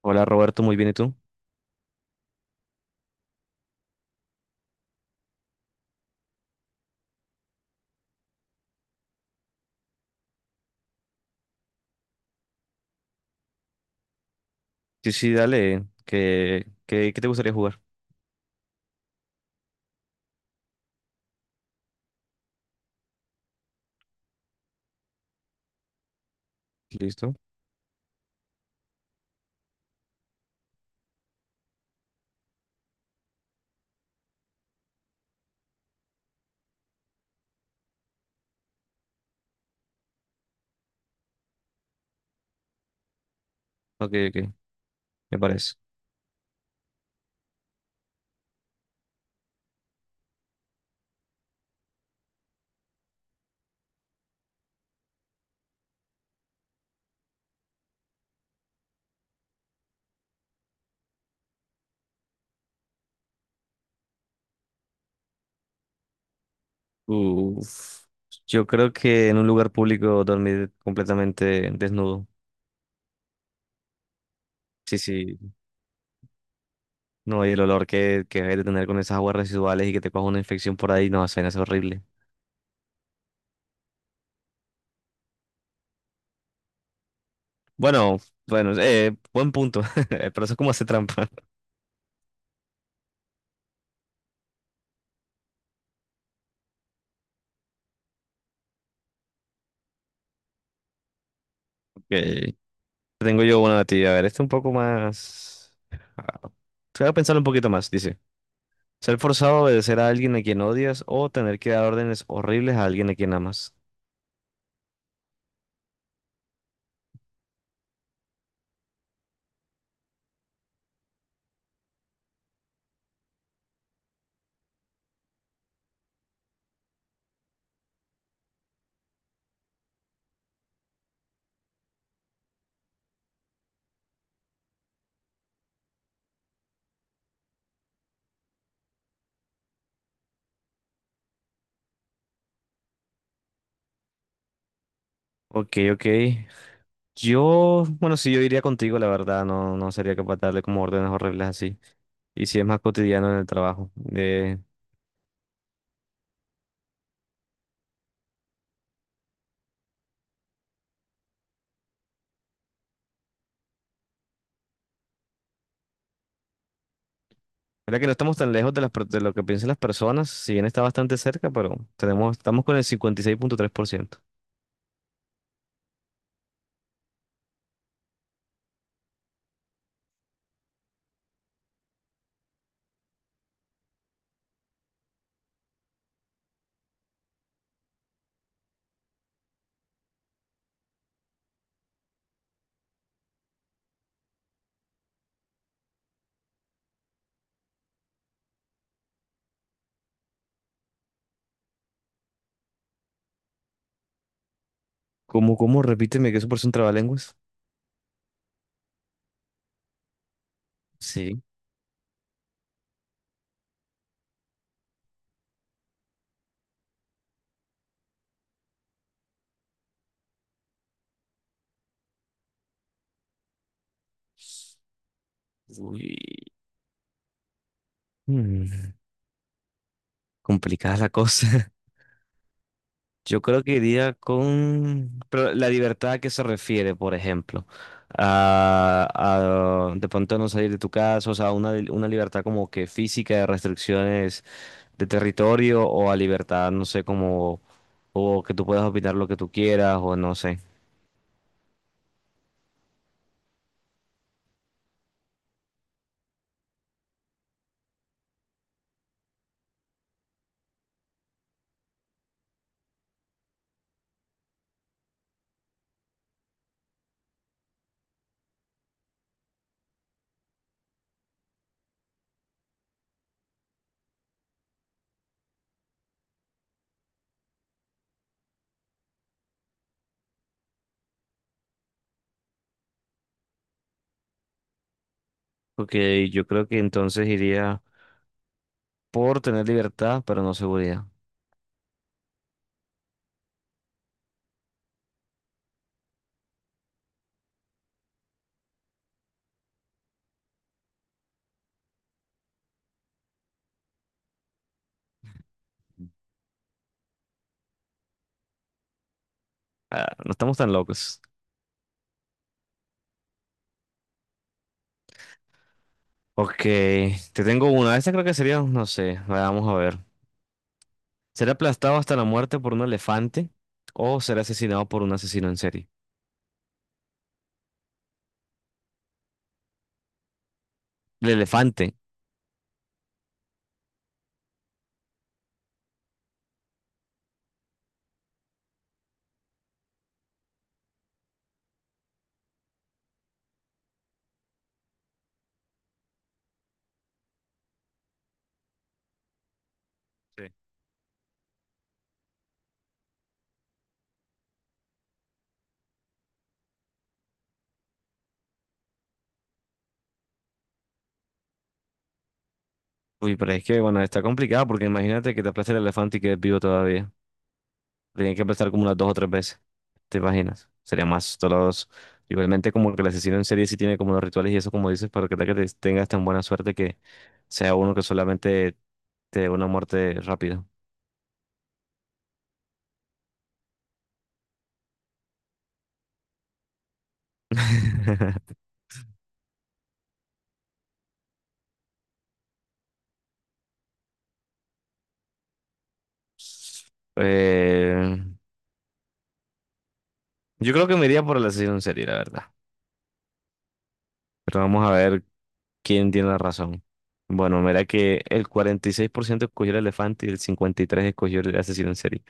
Hola Roberto, muy bien, ¿y tú? Sí, sí, dale. ¿Qué te gustaría jugar? ¿Listo? Ok, ok, me parece. Uf. Yo creo que en un lugar público dormir completamente desnudo. Sí, sí. No, y el olor que hay de tener con esas aguas residuales y que te coja una infección por ahí, no, suena es horrible. Bueno, bueno, buen punto. Pero eso es como hace trampa. Ok. Tengo yo una de ti. A ver, este un poco más. ah, Voy a pensar un poquito más, dice. Ser forzado a obedecer a alguien a quien odias o tener que dar órdenes horribles a alguien a quien amas. Ok, ok. Yo, bueno, sí, yo iría contigo, la verdad, no, no sería capaz de darle como órdenes horribles así. Y si es más cotidiano en el trabajo. Mira que no estamos tan lejos de, de lo que piensan las personas, si bien está bastante cerca, pero tenemos, estamos con el 56,3%. ¿Cómo, cómo? Repíteme que eso parece un trabalenguas. Sí. Uy, Mm, complicada la cosa. Yo creo que iría con... Pero la libertad a qué se refiere, por ejemplo. A de pronto no salir de tu casa, o sea, una libertad como que física de restricciones de territorio o a libertad, no sé, como... O que tú puedas opinar lo que tú quieras o no sé. Porque yo creo que entonces iría por tener libertad, pero no seguridad. Ah, no estamos tan locos. Ok, te tengo una. Esta creo que sería, no sé, vamos a ver. ¿Ser aplastado hasta la muerte por un elefante o ser asesinado por un asesino en serie? El elefante. Sí. Uy, pero es que, bueno, está complicado porque imagínate que te aplaste el elefante y quedes vivo todavía. Tienes que aplastar como unas dos o tres veces. ¿Te imaginas? Sería más doloroso. Igualmente, como que el asesino en serie sí tiene como los rituales y eso, como dices, para que tal que tengas tan buena suerte que sea uno que solamente te dé una muerte rápida. Eh, yo creo que me iría por el asesino en serie, la verdad. Pero vamos a ver quién tiene la razón. Bueno, mira que el 46% escogió el elefante y el 53% escogió el asesino en serie,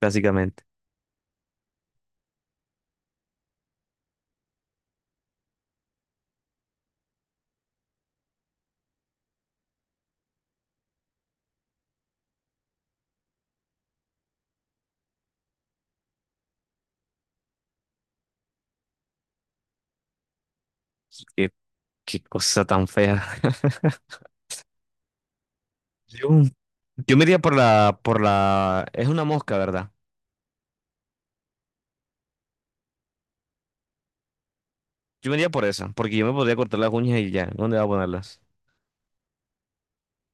básicamente. Qué, qué cosa tan fea. Yo, yo me iría por la... Es una mosca, ¿verdad? Yo me iría por esa, porque yo me podría cortar las uñas y ya. ¿Dónde voy a ponerlas?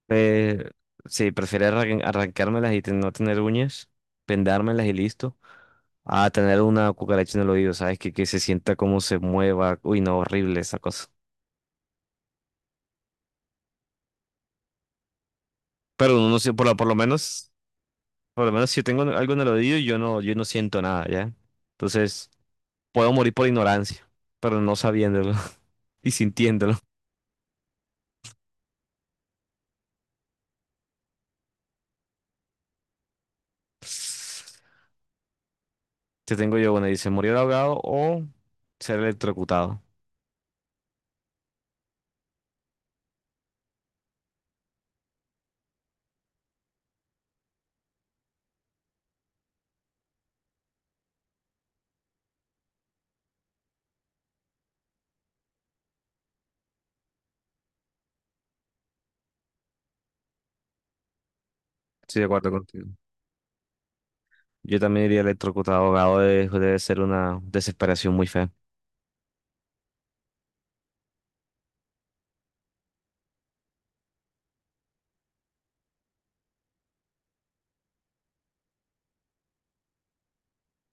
Eh, sí, prefiero arrancármelas y no tener uñas, vendármelas y listo, a tener una cucaracha en el oído, ¿sabes? Que se sienta cómo se mueva. Uy, no, horrible esa cosa. Pero uno no sé, por lo menos si yo tengo algo en el oído, yo no, yo no siento nada, ¿ya? Entonces, puedo morir por ignorancia, pero no sabiéndolo y sintiéndolo. Te tengo yo, bueno, dice, morir ahogado o ser electrocutado. Sí, de acuerdo contigo. Yo también diría electrocutado, ahogado, debe ser una desesperación muy fea.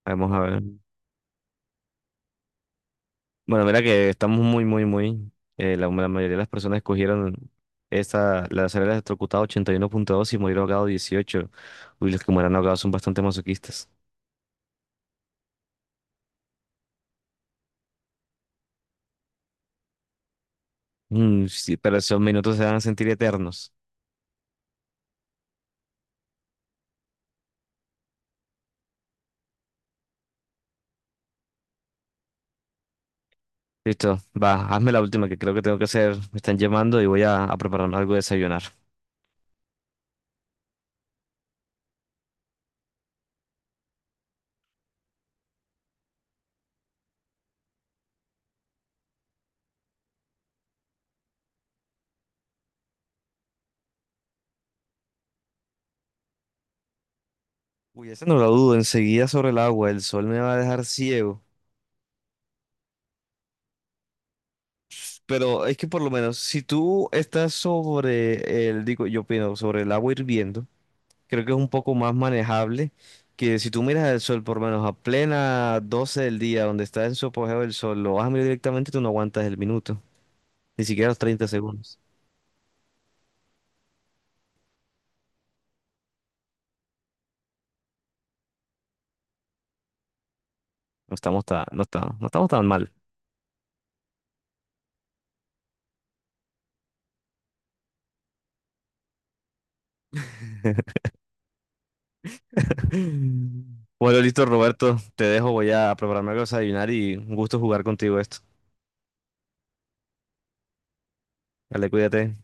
Vamos a ver. Mm. Bueno, mira que estamos muy, muy, muy. La, la mayoría de las personas escogieron esta, la ser electrocutado 81,2 y morir ahogado 18. Uy, los que mueran ahogados son bastante masoquistas. Mm, sí, pero esos minutos se van a sentir eternos. Listo, va, hazme la última que creo que tengo que hacer. Me están llamando y voy a prepararme algo de desayunar. Uy, esa no la dudo. Enseguida sobre el agua, el sol me va a dejar ciego. Pero es que por lo menos, si tú estás sobre el, digo, yo opino, sobre el agua hirviendo, creo que es un poco más manejable que si tú miras el sol, por lo menos a plena 12 del día, donde está en su apogeo el sol, lo vas a mirar directamente, tú no aguantas el minuto, ni siquiera los 30 segundos. No estamos tan, no está no estamos tan mal. Bueno, listo, Roberto, te dejo, voy a prepararme algo para desayunar y un gusto jugar contigo esto. Dale, cuídate.